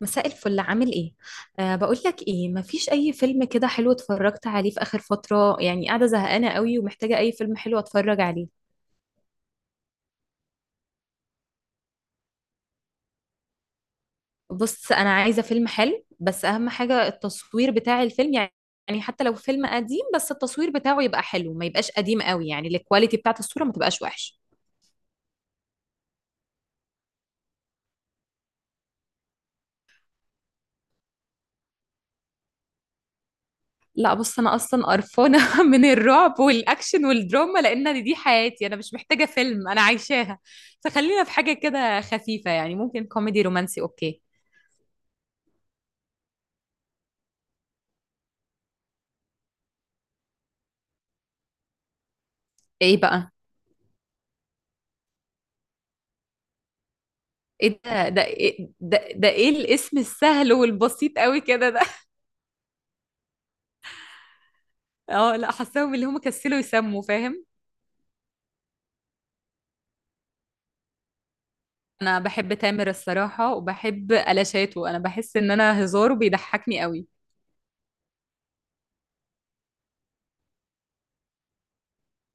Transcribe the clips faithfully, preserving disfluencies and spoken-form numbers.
مساء الفل، عامل ايه؟ أه، بقول لك ايه، مفيش اي فيلم كده حلو اتفرجت عليه في اخر فترة، يعني قاعدة زهقانة قوي ومحتاجة اي فيلم حلو اتفرج عليه. بص، انا عايزة فيلم حلو، بس اهم حاجة التصوير بتاع الفيلم يعني. يعني حتى لو فيلم قديم، بس التصوير بتاعه يبقى حلو، ما يبقاش قديم قوي، يعني الكواليتي بتاعت الصورة ما تبقاش وحش. لا بص، انا اصلا قرفانة من الرعب والاكشن والدراما، لان دي حياتي انا، مش محتاجة فيلم انا عايشاها. فخلينا في حاجة كده خفيفة، يعني ممكن كوميدي رومانسي، اوكي. ايه بقى؟ إيه ده ده إيه ده, ده إيه الاسم السهل والبسيط قوي كده ده اه لا، حاساهم اللي هم كسلوا يسموا، فاهم. أنا بحب تامر الصراحة، وبحب ألاشاته، أنا بحس إن أنا هزاره بيضحكني قوي.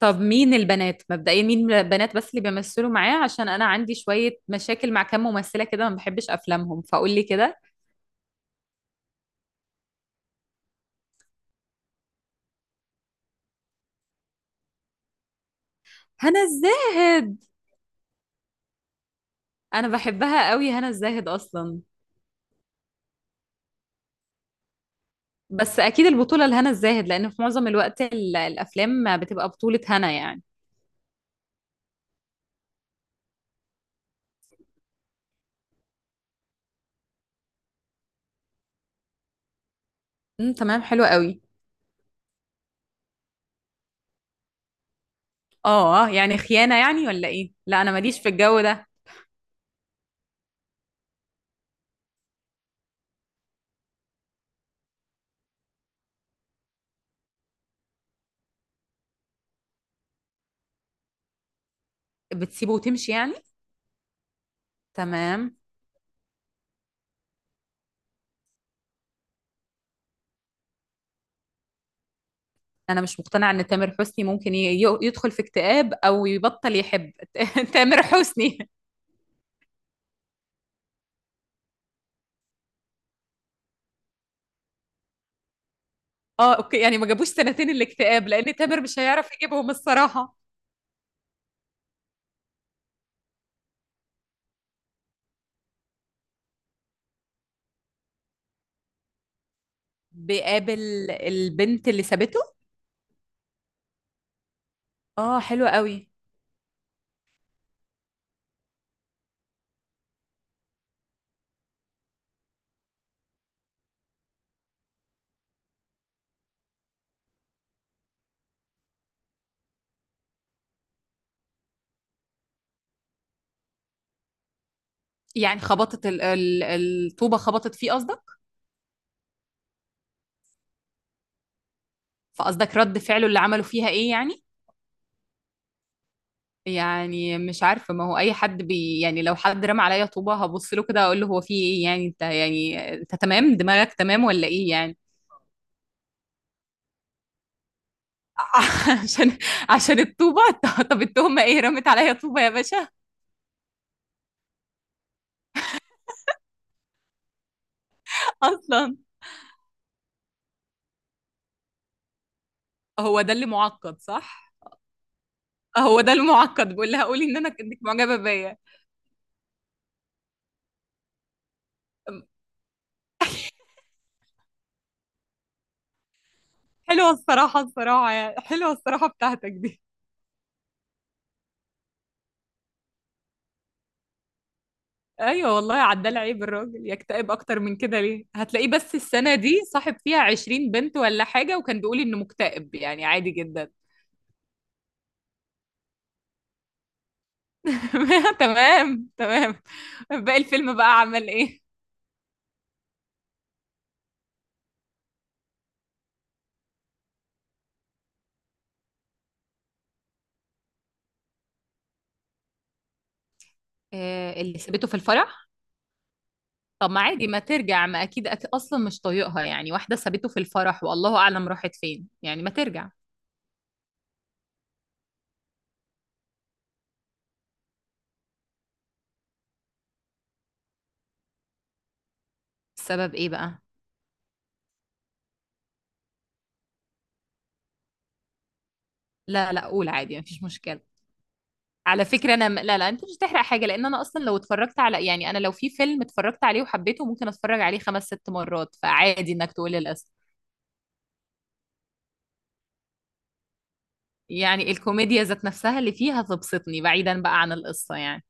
طب مين البنات مبدئيا، مين البنات بس اللي بيمثلوا معاه، عشان أنا عندي شوية مشاكل مع كام ممثلة كده، ما بحبش أفلامهم، فقول لي كده. هنا الزاهد. أنا بحبها قوي هنا الزاهد أصلا. بس اكيد البطوله لهنا الزاهد، لان في معظم الوقت ال- الافلام بتبقى بطوله هنا يعني. امم تمام، حلو قوي. اه يعني خيانة يعني، ولا ايه؟ لا انا ماليش في الجو ده. بتسيبه وتمشي يعني. تمام. انا مش مقتنعة ان تامر حسني ممكن ي- ي- يدخل في اكتئاب او يبطل يحب تامر حسني. اه اوكي، يعني ما جابوش سنتين الاكتئاب، لان تامر مش هيعرف يجيبهم الصراحة. بيقابل البنت اللي سابته. اه حلو قوي. يعني خبطت ال- ال- الطوبة، خبطت فيه قصدك. فقصدك رد فعله اللي عمله فيها ايه يعني؟ يعني مش عارفة، ما هو أي حد بي، يعني لو حد رمى عليا طوبة هبص له كده أقول له هو في إيه يعني؟ أنت يعني أنت تمام، دماغك تمام ولا إيه يعني؟ عشان عشان الطوبة طب التهمة إيه، رمت عليا طوبة يا باشا؟ أصلا هو ده اللي معقد صح. هو ده المعقد، بقول لها قولي إن أنا إنك معجبة بيا. حلوة الصراحة، الصراحة يعني، حلوة الصراحة بتاعتك دي. ايوه والله، عدال، عيب الراجل يكتئب اكتر من كده ليه؟ هتلاقيه بس السنه دي صاحب فيها عشرين بنت ولا حاجه، وكان بيقول انه مكتئب، يعني عادي جدا تمام تمام. باقي الفيلم بقى عمل ايه؟ آه، اللي سابته في الفرح. طب ما عادي ما ترجع، ما اكيد أكيد اصلا مش طايقها يعني، واحده سابته في الفرح والله اعلم راحت فين، يعني ما ترجع. السبب ايه بقى؟ لا لا، قول عادي، مفيش مشكله. على فكرة أنا م- لا لا، أنت مش هتحرق حاجة، لأن أنا أصلا لو اتفرجت على، يعني أنا لو في فيلم اتفرجت عليه وحبيته ممكن أتفرج عليه خمس ست مرات، فعادي إنك تقولي القصة. يعني الكوميديا ذات نفسها اللي فيها تبسطني، بعيدا بقى عن القصة يعني.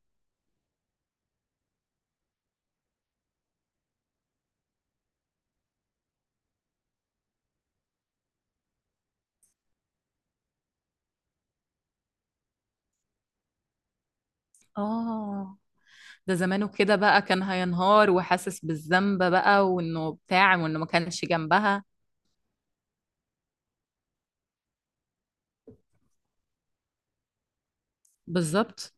آه. ده زمانه كده بقى كان هينهار وحاسس بالذنب بقى، وإنه بتاع وإنه ما كانش جنبها. بالظبط.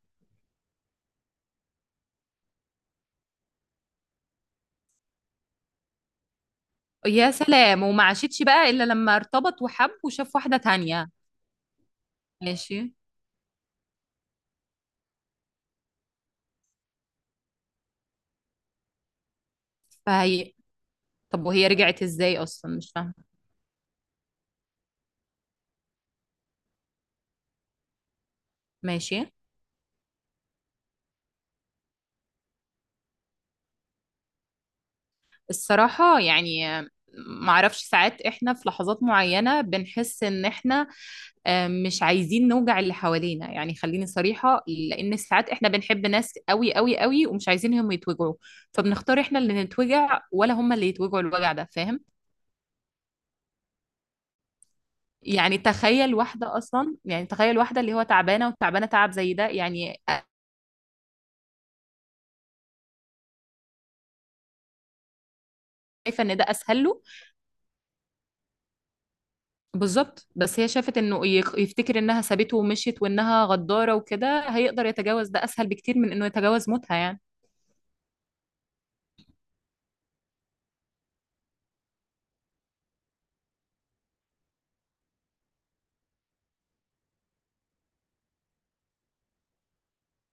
يا سلام، وما عاشتش بقى إلا لما ارتبط وحب وشاف واحدة تانية. ماشي. فهي. طب وهي رجعت إزاي أصلا، مش فاهمة. ماشي. الصراحة يعني، معرفش، ساعات احنا في لحظات معينة بنحس ان احنا، آه، مش عايزين نوجع اللي حوالينا، يعني خليني صريحة، لأن ساعات احنا بنحب ناس قوي قوي قوي، ومش عايزينهم يتوجعوا. فبنختار احنا اللي نتوجع ولا هم اللي يتوجعوا الوجع ده، فاهم؟ يعني تخيل واحدة أصلا، يعني تخيل واحدة اللي هو تعبانة، وتعبانة تعب زي ده يعني. شايفة إن ده أسهل له. بالظبط، بس هي شافت انه يخ- يفتكر انها سابته ومشيت وانها غدارة، وكده هيقدر يتجاوز ده اسهل بكتير من انه يتجاوز موتها يعني.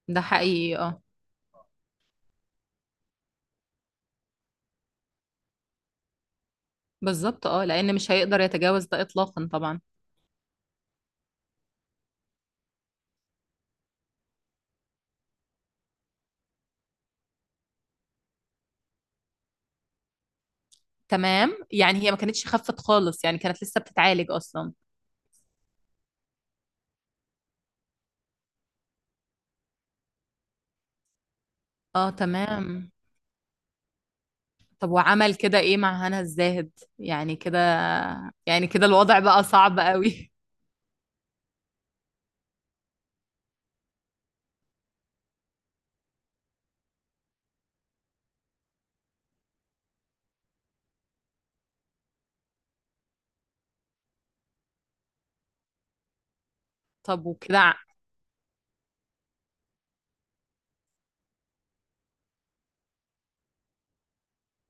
ده حقيقي اه. بالظبط اه، لان مش هيقدر يتجاوز ده اطلاقا طبعا. تمام، يعني هي ما كانتش خفت خالص، يعني كانت لسه بتتعالج اصلا. اه تمام. طب وعمل كده ايه مع هنا الزاهد؟ يعني كده، يعني كده الوضع بقى صعب قوي. طب وكده؟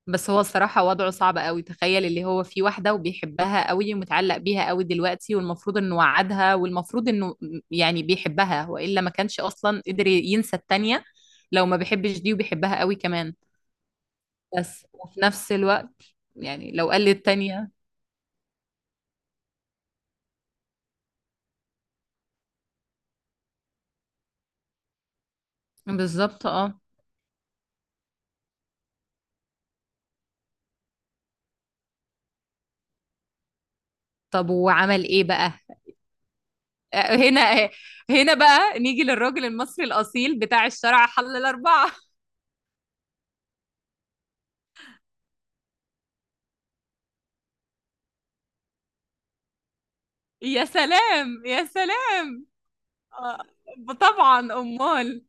بس هو الصراحة وضعه صعب قوي، تخيل اللي هو في واحدة وبيحبها قوي ومتعلق بيها قوي دلوقتي، والمفروض انه وعدها والمفروض انه، يعني بيحبها وإلا ما كانش أصلا قدر ينسى التانية، لو ما بيحبش دي وبيحبها قوي كمان. بس وفي نفس الوقت، يعني لو قال للتانية. بالظبط اه. طب وعمل ايه بقى؟ آه، هنا هنا بقى نيجي للراجل المصري الأصيل بتاع الشرع حل الأربعة يا سلام يا سلام. آه، طبعا أمال.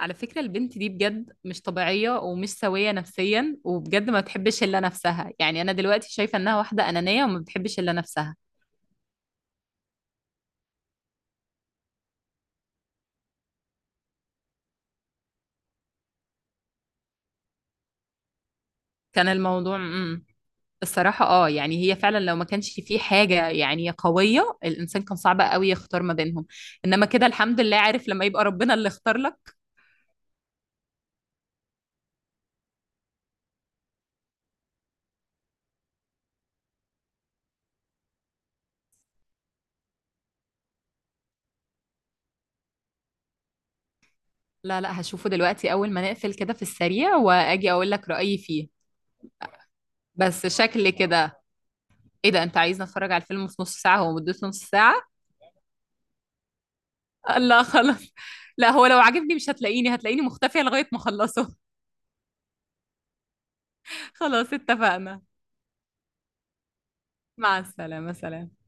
على فكرة البنت دي بجد مش طبيعية ومش سوية نفسيا، وبجد ما بتحبش إلا نفسها، يعني أنا دلوقتي شايفة إنها واحدة أنانية وما بتحبش إلا نفسها. كان الموضوع امم الصراحة اه، يعني هي فعلا لو ما كانش في حاجة يعني قوية، الإنسان كان صعب قوي يختار ما بينهم. إنما كده الحمد لله، عارف لما يبقى ربنا اللي اختار لك. لا لا، هشوفه دلوقتي أول ما نقفل كده في السريع، وأجي أقول لك رأيي فيه. بس شكل كده، إيه ده؟ أنت عايزني أتفرج على الفيلم في نص ساعة، هو مدته نص ساعة؟ لا خلاص. لا هو لو عجبني مش هتلاقيني، هتلاقيني مختفية لغاية ما اخلصه. خلاص اتفقنا. مع السلامة، سلام.